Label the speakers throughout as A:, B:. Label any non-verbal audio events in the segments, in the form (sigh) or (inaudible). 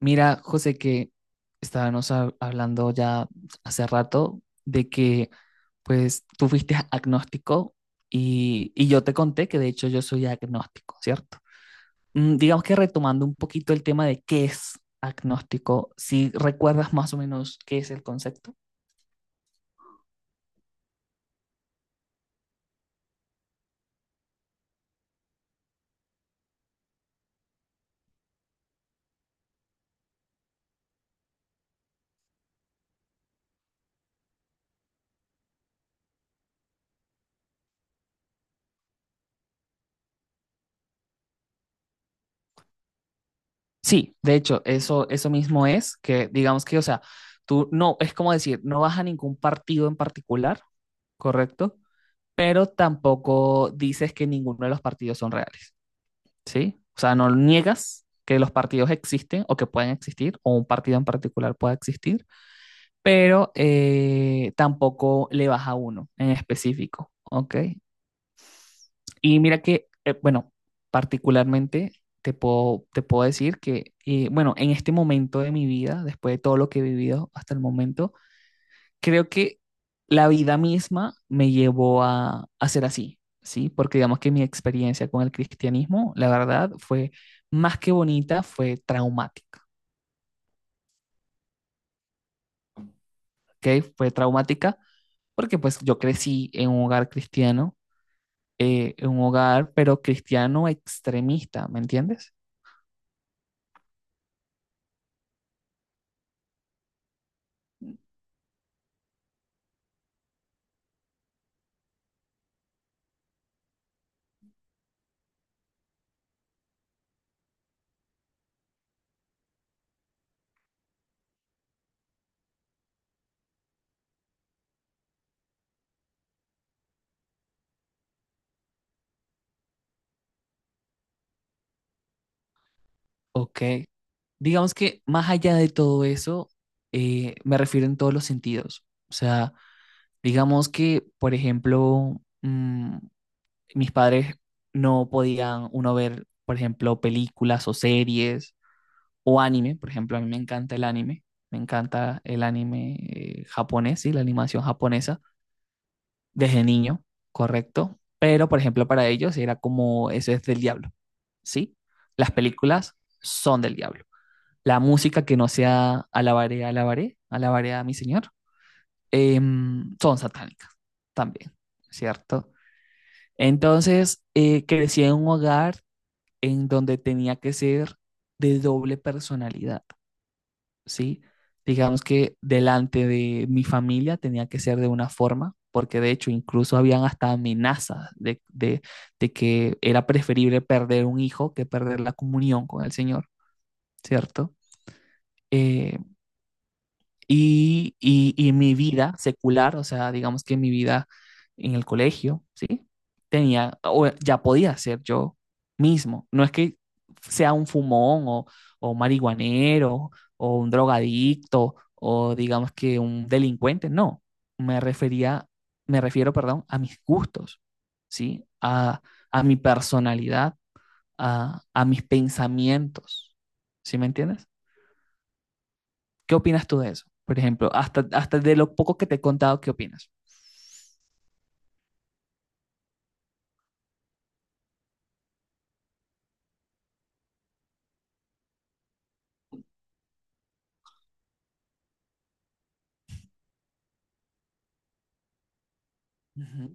A: Mira, José, que estábamos hablando ya hace rato de que pues tú fuiste agnóstico y yo te conté que de hecho yo soy agnóstico, ¿cierto? Digamos que retomando un poquito el tema de qué es agnóstico, si recuerdas más o menos qué es el concepto. Sí, de hecho, eso mismo es, que digamos que, o sea, tú no, es como decir, no vas a ningún partido en particular, ¿correcto? Pero tampoco dices que ninguno de los partidos son reales, ¿sí? O sea, no niegas que los partidos existen o que pueden existir, o un partido en particular pueda existir, pero tampoco le vas a uno en específico, ¿ok? Y mira que, bueno, particularmente te puedo decir que, bueno, en este momento de mi vida, después de todo lo que he vivido hasta el momento, creo que la vida misma me llevó a ser así, ¿sí? Porque digamos que mi experiencia con el cristianismo, la verdad, fue más que bonita, fue traumática, ¿ok? Fue traumática porque pues yo crecí en un hogar cristiano, en un hogar, pero cristiano extremista, ¿me entiendes? Ok. Digamos que más allá de todo eso, me refiero en todos los sentidos. O sea, digamos que, por ejemplo, mis padres no podían uno ver, por ejemplo, películas o series o anime. Por ejemplo, a mí me encanta el anime, me encanta el anime japonés y la animación japonesa desde niño, correcto. Pero, por ejemplo, para ellos era como, eso es del diablo, ¿sí? Las películas son del diablo. La música que no sea alabaré, alabaré, alabaré a mi señor, son satánicas también, ¿cierto? Entonces, crecí en un hogar en donde tenía que ser de doble personalidad, ¿sí? Digamos que delante de mi familia tenía que ser de una forma, porque de hecho incluso habían hasta amenazas de que era preferible perder un hijo que perder la comunión con el Señor, ¿cierto? Eh, y mi vida secular, o sea, digamos que mi vida en el colegio, ¿sí? Tenía, o ya podía ser yo mismo. No es que sea un fumón o un marihuanero o un drogadicto o digamos que un delincuente, no. Me refería, Me refiero, perdón, a mis gustos, ¿sí? A mi personalidad, a mis pensamientos, ¿sí me entiendes? ¿Qué opinas tú de eso? Por ejemplo, hasta de lo poco que te he contado, ¿qué opinas? Ujú.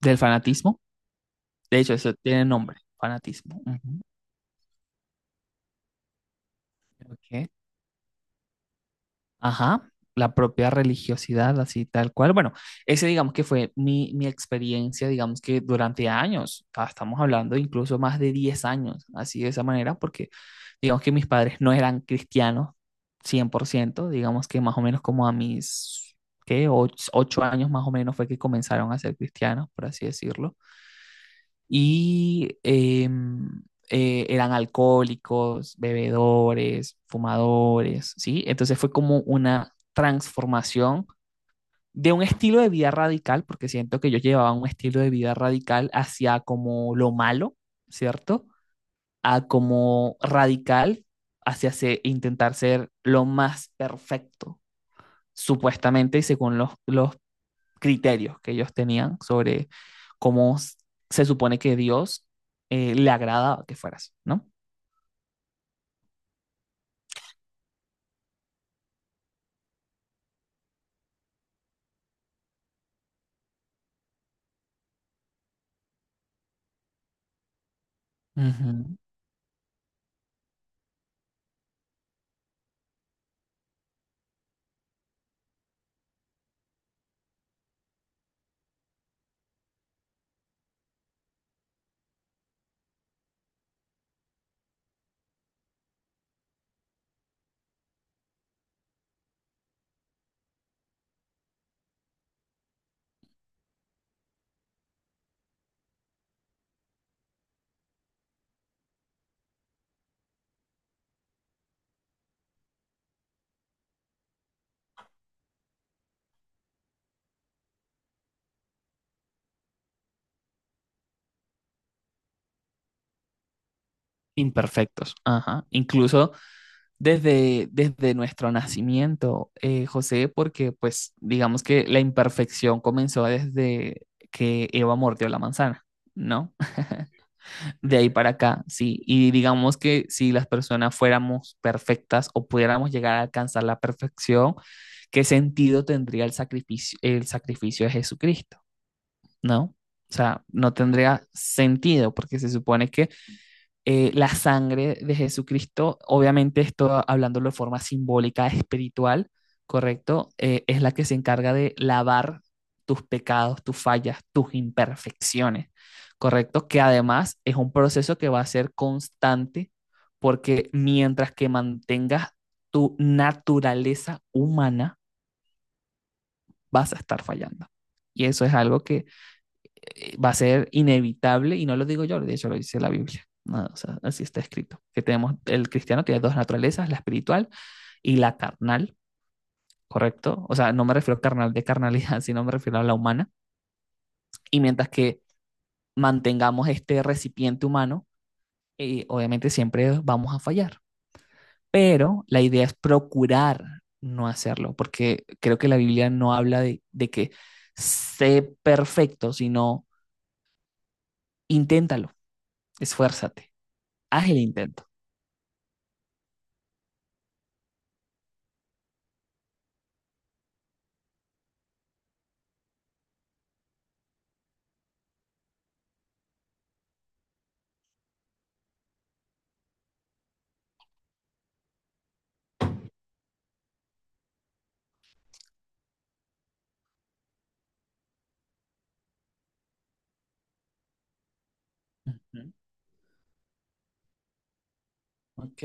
A: Del fanatismo. De hecho, eso tiene nombre, fanatismo. Ujú, ok. Ajá, la propia religiosidad, así tal cual. Bueno, ese digamos que fue mi experiencia, digamos que durante años, estamos hablando incluso más de 10 años, así de esa manera, porque digamos que mis padres no eran cristianos 100%, digamos que más o menos como a mis, ¿qué? ocho años más o menos fue que comenzaron a ser cristianos, por así decirlo y eran alcohólicos, bebedores, fumadores, ¿sí? Entonces fue como una transformación de un estilo de vida radical, porque siento que yo llevaba un estilo de vida radical hacia como lo malo, ¿cierto? A como radical hacia intentar ser lo más perfecto, supuestamente, y según los criterios que ellos tenían sobre cómo se supone que Dios le agrada que fueras, ¿no? Ujú. Imperfectos, ajá. Incluso desde nuestro nacimiento, José, porque pues digamos que la imperfección comenzó desde que Eva mordió la manzana, ¿no? De ahí para acá, sí. Y digamos que si las personas fuéramos perfectas o pudiéramos llegar a alcanzar la perfección, ¿qué sentido tendría el sacrificio de Jesucristo? ¿No? O sea, no tendría sentido porque se supone que la sangre de Jesucristo, obviamente esto hablándolo de forma simbólica, espiritual, ¿correcto? Es la que se encarga de lavar tus pecados, tus fallas, tus imperfecciones, ¿correcto? Que además es un proceso que va a ser constante porque mientras que mantengas tu naturaleza humana, vas a estar fallando. Y eso es algo que va a ser inevitable, y no lo digo yo, de hecho lo dice la Biblia. No, o sea, así está escrito. El cristiano tiene dos naturalezas, la espiritual y la carnal, ¿correcto? O sea, no me refiero a carnal de carnalidad, (laughs) sino me refiero a la humana. Y mientras que mantengamos este recipiente humano, obviamente siempre vamos a fallar. Pero la idea es procurar no hacerlo, porque creo que la Biblia no habla de que sé perfecto, sino inténtalo, esfuérzate, haz el intento. Ujú, ok.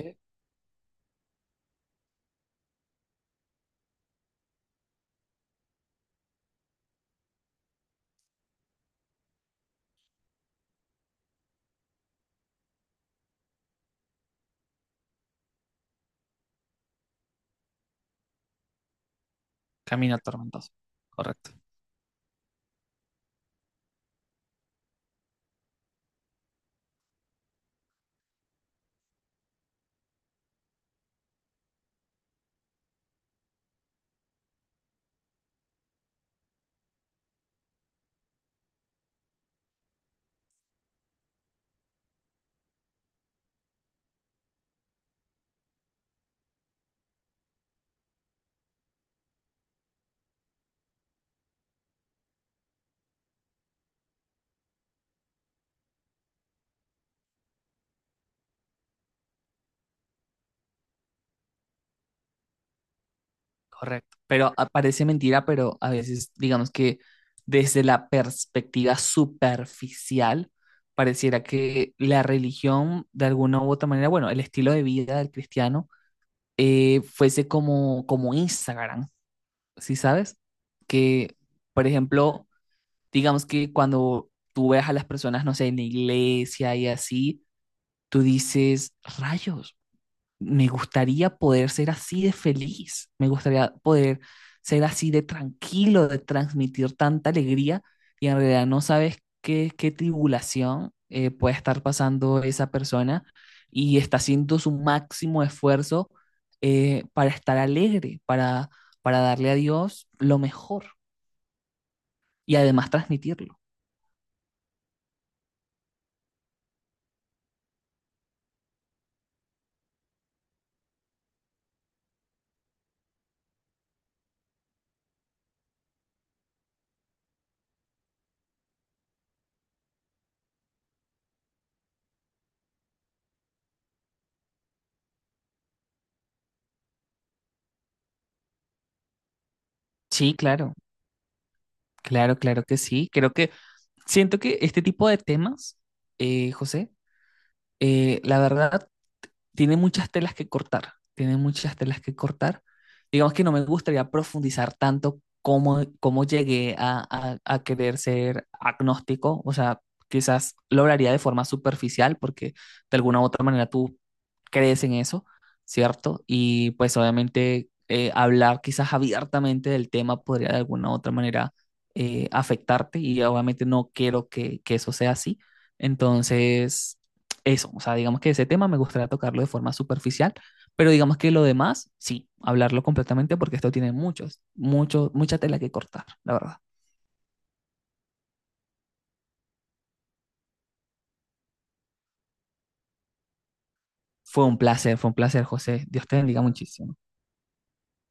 A: Camino tormentoso. Correcto, correcto. Pero parece mentira, pero a veces, digamos que desde la perspectiva superficial, pareciera que la religión, de alguna u otra manera, bueno, el estilo de vida del cristiano, fuese como, Instagram, ¿sí sabes? Que, por ejemplo, digamos que cuando tú ves a las personas, no sé, en la iglesia y así, tú dices, rayos. Me gustaría poder ser así de feliz, me gustaría poder ser así de tranquilo, de transmitir tanta alegría y en realidad no sabes qué tribulación puede estar pasando esa persona y está haciendo su máximo esfuerzo para estar alegre, para darle a Dios lo mejor y además transmitirlo. Sí, claro, claro, claro que sí. Creo que siento que este tipo de temas, José, la verdad tiene muchas telas que cortar, tiene muchas telas que cortar. Digamos que no me gustaría profundizar tanto cómo llegué a querer ser agnóstico, o sea, quizás lo hablaría de forma superficial porque de alguna u otra manera tú crees en eso, ¿cierto? Y pues obviamente hablar quizás abiertamente del tema podría de alguna u otra manera afectarte y obviamente no quiero que eso sea así. Entonces, eso, o sea, digamos que ese tema me gustaría tocarlo de forma superficial, pero digamos que lo demás, sí, hablarlo completamente porque esto tiene mucha tela que cortar, la verdad. Fue un placer, José. Dios te bendiga muchísimo.